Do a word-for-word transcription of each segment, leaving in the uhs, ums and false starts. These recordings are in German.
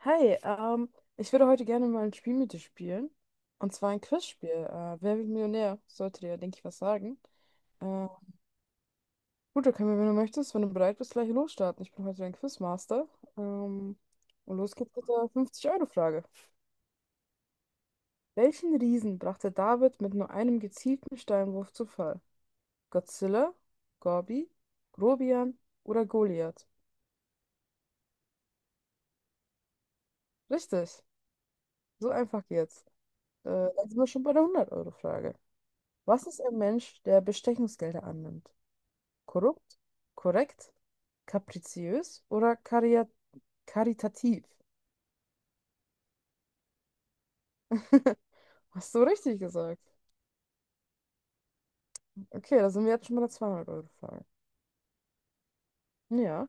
Hi, ähm, ich würde heute gerne mal ein Spiel mit dir spielen. Und zwar ein Quizspiel. Äh, Wer wird Millionär? Sollte dir, denke ich, was sagen. Äh, gut, da können wir, wenn du möchtest, wenn du bereit bist, gleich losstarten. Ich bin heute dein Quizmaster. Ähm, und los geht's mit der fünfzig-Euro-Frage. Welchen Riesen brachte David mit nur einem gezielten Steinwurf zu Fall? Godzilla, Gobi, Grobian oder Goliath? Richtig, so einfach geht's. Äh, dann sind wir schon bei der hundert-Euro-Frage. Was ist ein Mensch, der Bestechungsgelder annimmt? Korrupt, korrekt, kapriziös oder karia- karitativ? Hast du richtig gesagt. Okay, da sind wir jetzt schon bei der zweihundert-Euro-Frage. Ja.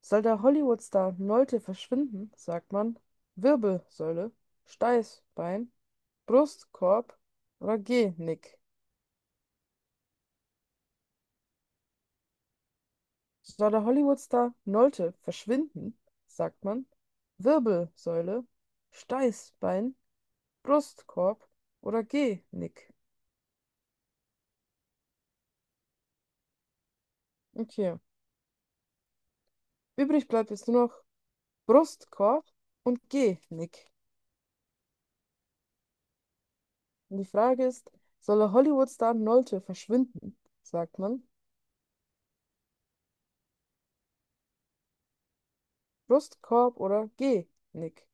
Soll der Hollywood-Star Nolte verschwinden, sagt man Wirbelsäule, Steißbein, Brustkorb oder Genick? Soll der Hollywood-Star Nolte verschwinden, sagt man Wirbelsäule, Steißbein, Brustkorb oder Genick? Okay. Übrig bleibt jetzt nur noch Brustkorb und Genick. Und die Frage ist, soll der Hollywood-Star Nolte verschwinden? Sagt man Brustkorb oder Genick?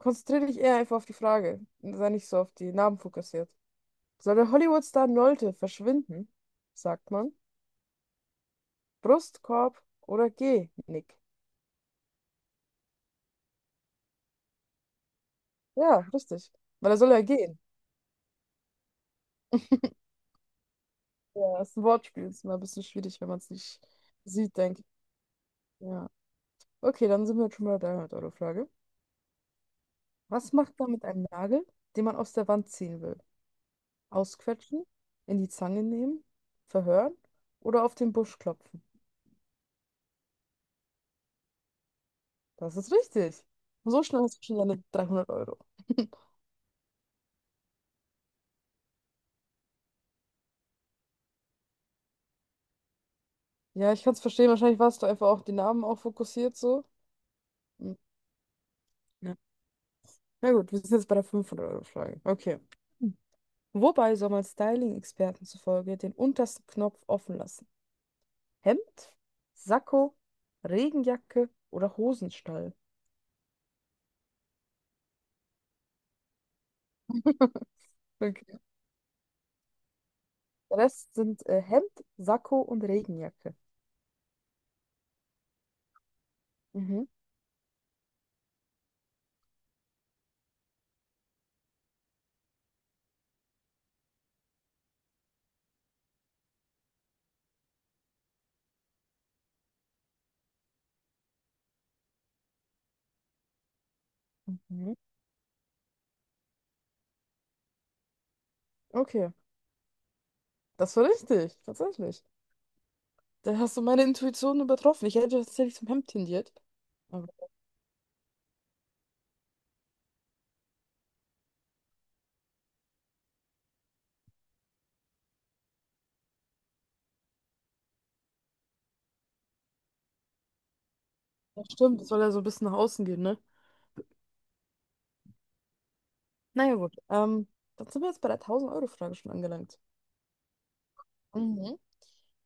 Konzentriere dich eher einfach auf die Frage. Sei nicht so auf die Namen fokussiert. Soll der Hollywood-Star Nolte verschwinden? Sagt man Brustkorb oder Genick? Ja, richtig. Weil er soll ja gehen. Ja, das ist ein Wortspiel. Ist immer ein bisschen schwierig, wenn man es nicht sieht, denke ja. Okay, dann sind wir jetzt schon bei der dreihundert Euro Frage. Was macht man mit einem Nagel, den man aus der Wand ziehen will? Ausquetschen, in die Zange nehmen, verhören oder auf den Busch klopfen? Das ist richtig. So schnell hast du schon deine dreihundert Euro. Ja, ich kann es verstehen. Wahrscheinlich warst du einfach auch den Namen auch fokussiert so. Hm, ja. Na gut, wir sind jetzt bei der fünfhundert Euro Frage. Okay. Hm. Wobei soll man Styling-Experten zufolge den untersten Knopf offen lassen? Hemd, Sakko, Regenjacke oder Hosenstall? Okay. Der Rest sind äh, Hemd, Sakko und Regenjacke. Mhm. Mhm. Okay, das war richtig, tatsächlich. Da hast du meine Intuition übertroffen. Ich hätte tatsächlich zum Hemd tendiert. Aber das stimmt, das soll ja so ein bisschen nach außen gehen, ne? Naja, gut. Ähm, dann sind wir jetzt bei der tausend-Euro-Frage schon angelangt. Mhm.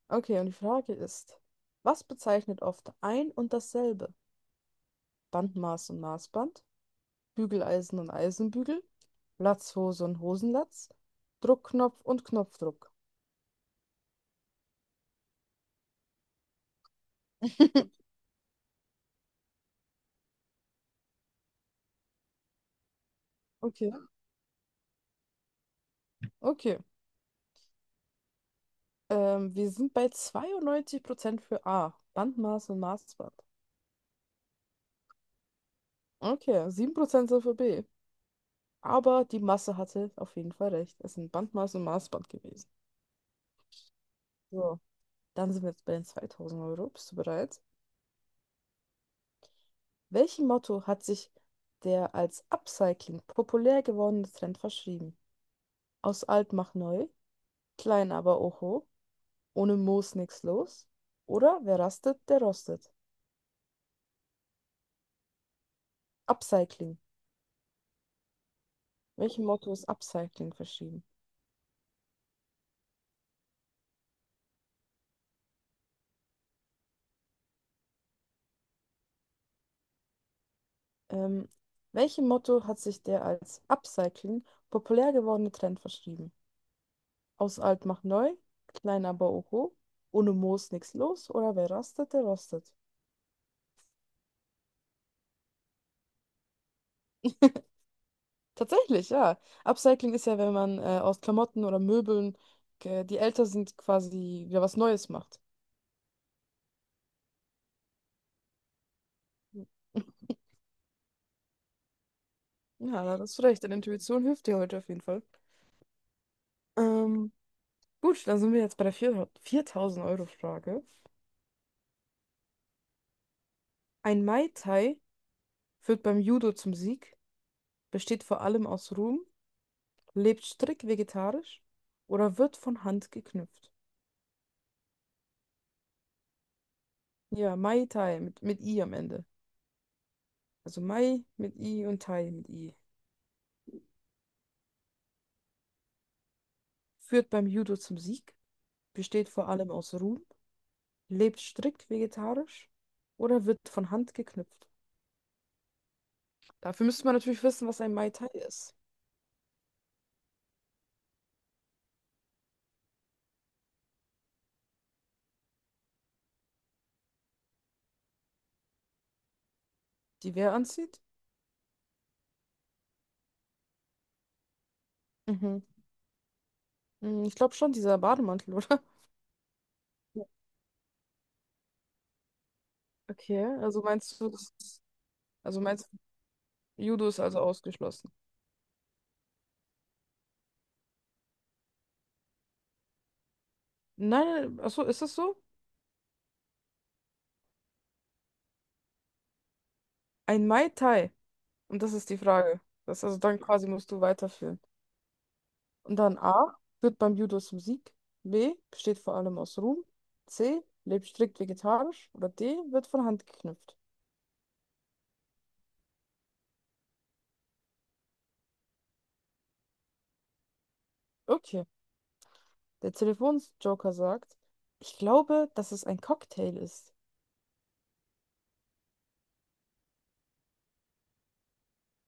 Okay, und die Frage ist: Was bezeichnet oft ein und dasselbe? Bandmaß und Maßband, Bügeleisen und Eisenbügel, Latzhose und Hosenlatz, Druckknopf und Knopfdruck. Okay. Okay. Ähm, wir sind bei zweiundneunzig Prozent für A. Bandmaß und Maßband. Okay, sieben Prozent sind für B. Aber die Masse hatte auf jeden Fall recht. Es sind Bandmaß und Maßband gewesen. So, dann sind wir jetzt bei den zweitausend Euro. Bist du bereit? Welchem Motto hat sich der als Upcycling populär gewordene Trend verschrieben? Aus alt macht neu, klein aber oho, ohne Moos nix los. Oder wer rastet, der rostet. Upcycling. Welchem Motto ist Upcycling verschrieben? Ähm, welchem Motto hat sich der als Upcycling populär gewordene Trend verschrieben? Aus alt macht neu, klein aber oho, ohne Moos nix los oder wer rastet, der rostet. Tatsächlich, ja. Upcycling ist ja, wenn man äh, aus Klamotten oder Möbeln, äh, die älter sind, quasi wieder was Neues macht. Ja, da hast du recht. Deine Intuition hilft dir heute auf jeden Fall. Ähm, gut, dann sind wir jetzt bei der viertausend Euro Frage. Ein Mai Tai führt beim Judo zum Sieg, besteht vor allem aus Rum, lebt strikt vegetarisch oder wird von Hand geknüpft. Ja, Mai Tai mit, mit I am Ende. Also Mai mit I und Tai mit I. Führt beim Judo zum Sieg, besteht vor allem aus Rum, lebt strikt vegetarisch oder wird von Hand geknüpft. Dafür müsste man natürlich wissen, was ein Mai Tai ist. Die wer anzieht? Mhm. Hm, ich glaube schon, dieser Bademantel, oder? Ja. Okay, also meinst du, das ist, also meinst du, Judo ist also ausgeschlossen? Nein, achso, ist das so? Ein Mai Tai. Und das ist die Frage. Das also dann quasi musst du weiterführen. Und dann A führt beim Judo zum Sieg. B besteht vor allem aus Ruhm. C lebt strikt vegetarisch. Oder D wird von Hand geknüpft. Okay. Der Telefonsjoker sagt, ich glaube, dass es ein Cocktail ist.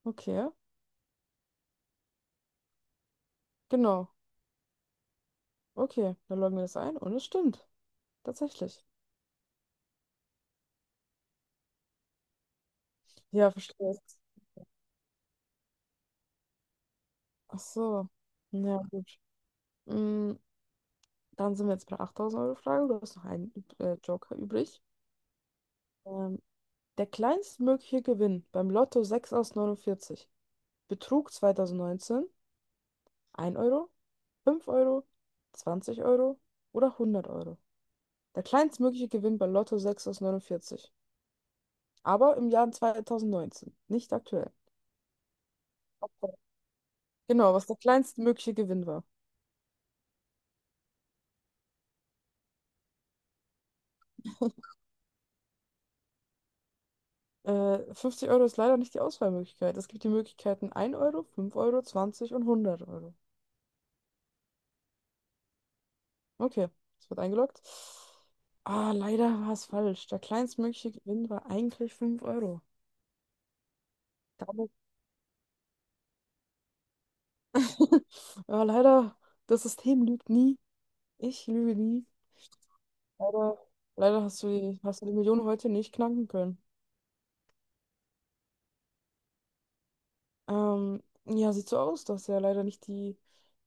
Okay, genau. Okay, dann loggen wir das ein und es stimmt. Tatsächlich. Ja, verstehe ich. Ach so. Ja, gut. Mm, dann sind wir jetzt bei der achttausend-Euro-Frage. Du hast noch einen Üb- äh, Joker übrig. Ähm, Der kleinstmögliche Gewinn beim Lotto sechs aus neunundvierzig betrug zwanzig neunzehn ein Euro, fünf Euro, zwanzig Euro oder hundert Euro. Der kleinstmögliche Gewinn bei Lotto sechs aus neunundvierzig, aber im Jahr zwanzig neunzehn, nicht aktuell. Genau, was der kleinstmögliche Gewinn war. Äh, fünfzig Euro ist leider nicht die Auswahlmöglichkeit. Es gibt die Möglichkeiten ein Euro, fünf Euro, zwanzig und hundert Euro. Okay, es wird eingeloggt. Ah, leider war es falsch. Der kleinstmögliche Gewinn war eigentlich fünf Euro. Damit, ja, leider, das System lügt nie. Ich lüge nie. Leider, leider hast du die, hast du die Million heute nicht knacken können. Ähm, ja, sieht so aus, dass ja leider nicht die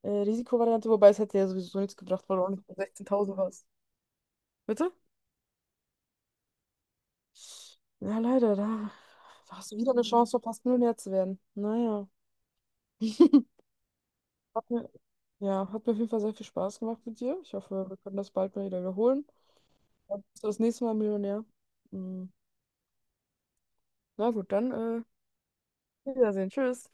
äh, Risikovariante, wobei es hätte ja sowieso nichts gebracht, weil du auch nicht bei sechzehntausend warst. Bitte? Ja, leider, da, da hast du wieder eine Chance verpasst, Millionär zu werden. Naja. Hat mir, ja, hat mir auf jeden Fall sehr viel Spaß gemacht mit dir. Ich hoffe, wir können das bald mal wieder wiederholen. Dann bist du das nächste Mal Millionär. Mm. Na gut, dann. Äh, Wiedersehen. Tschüss.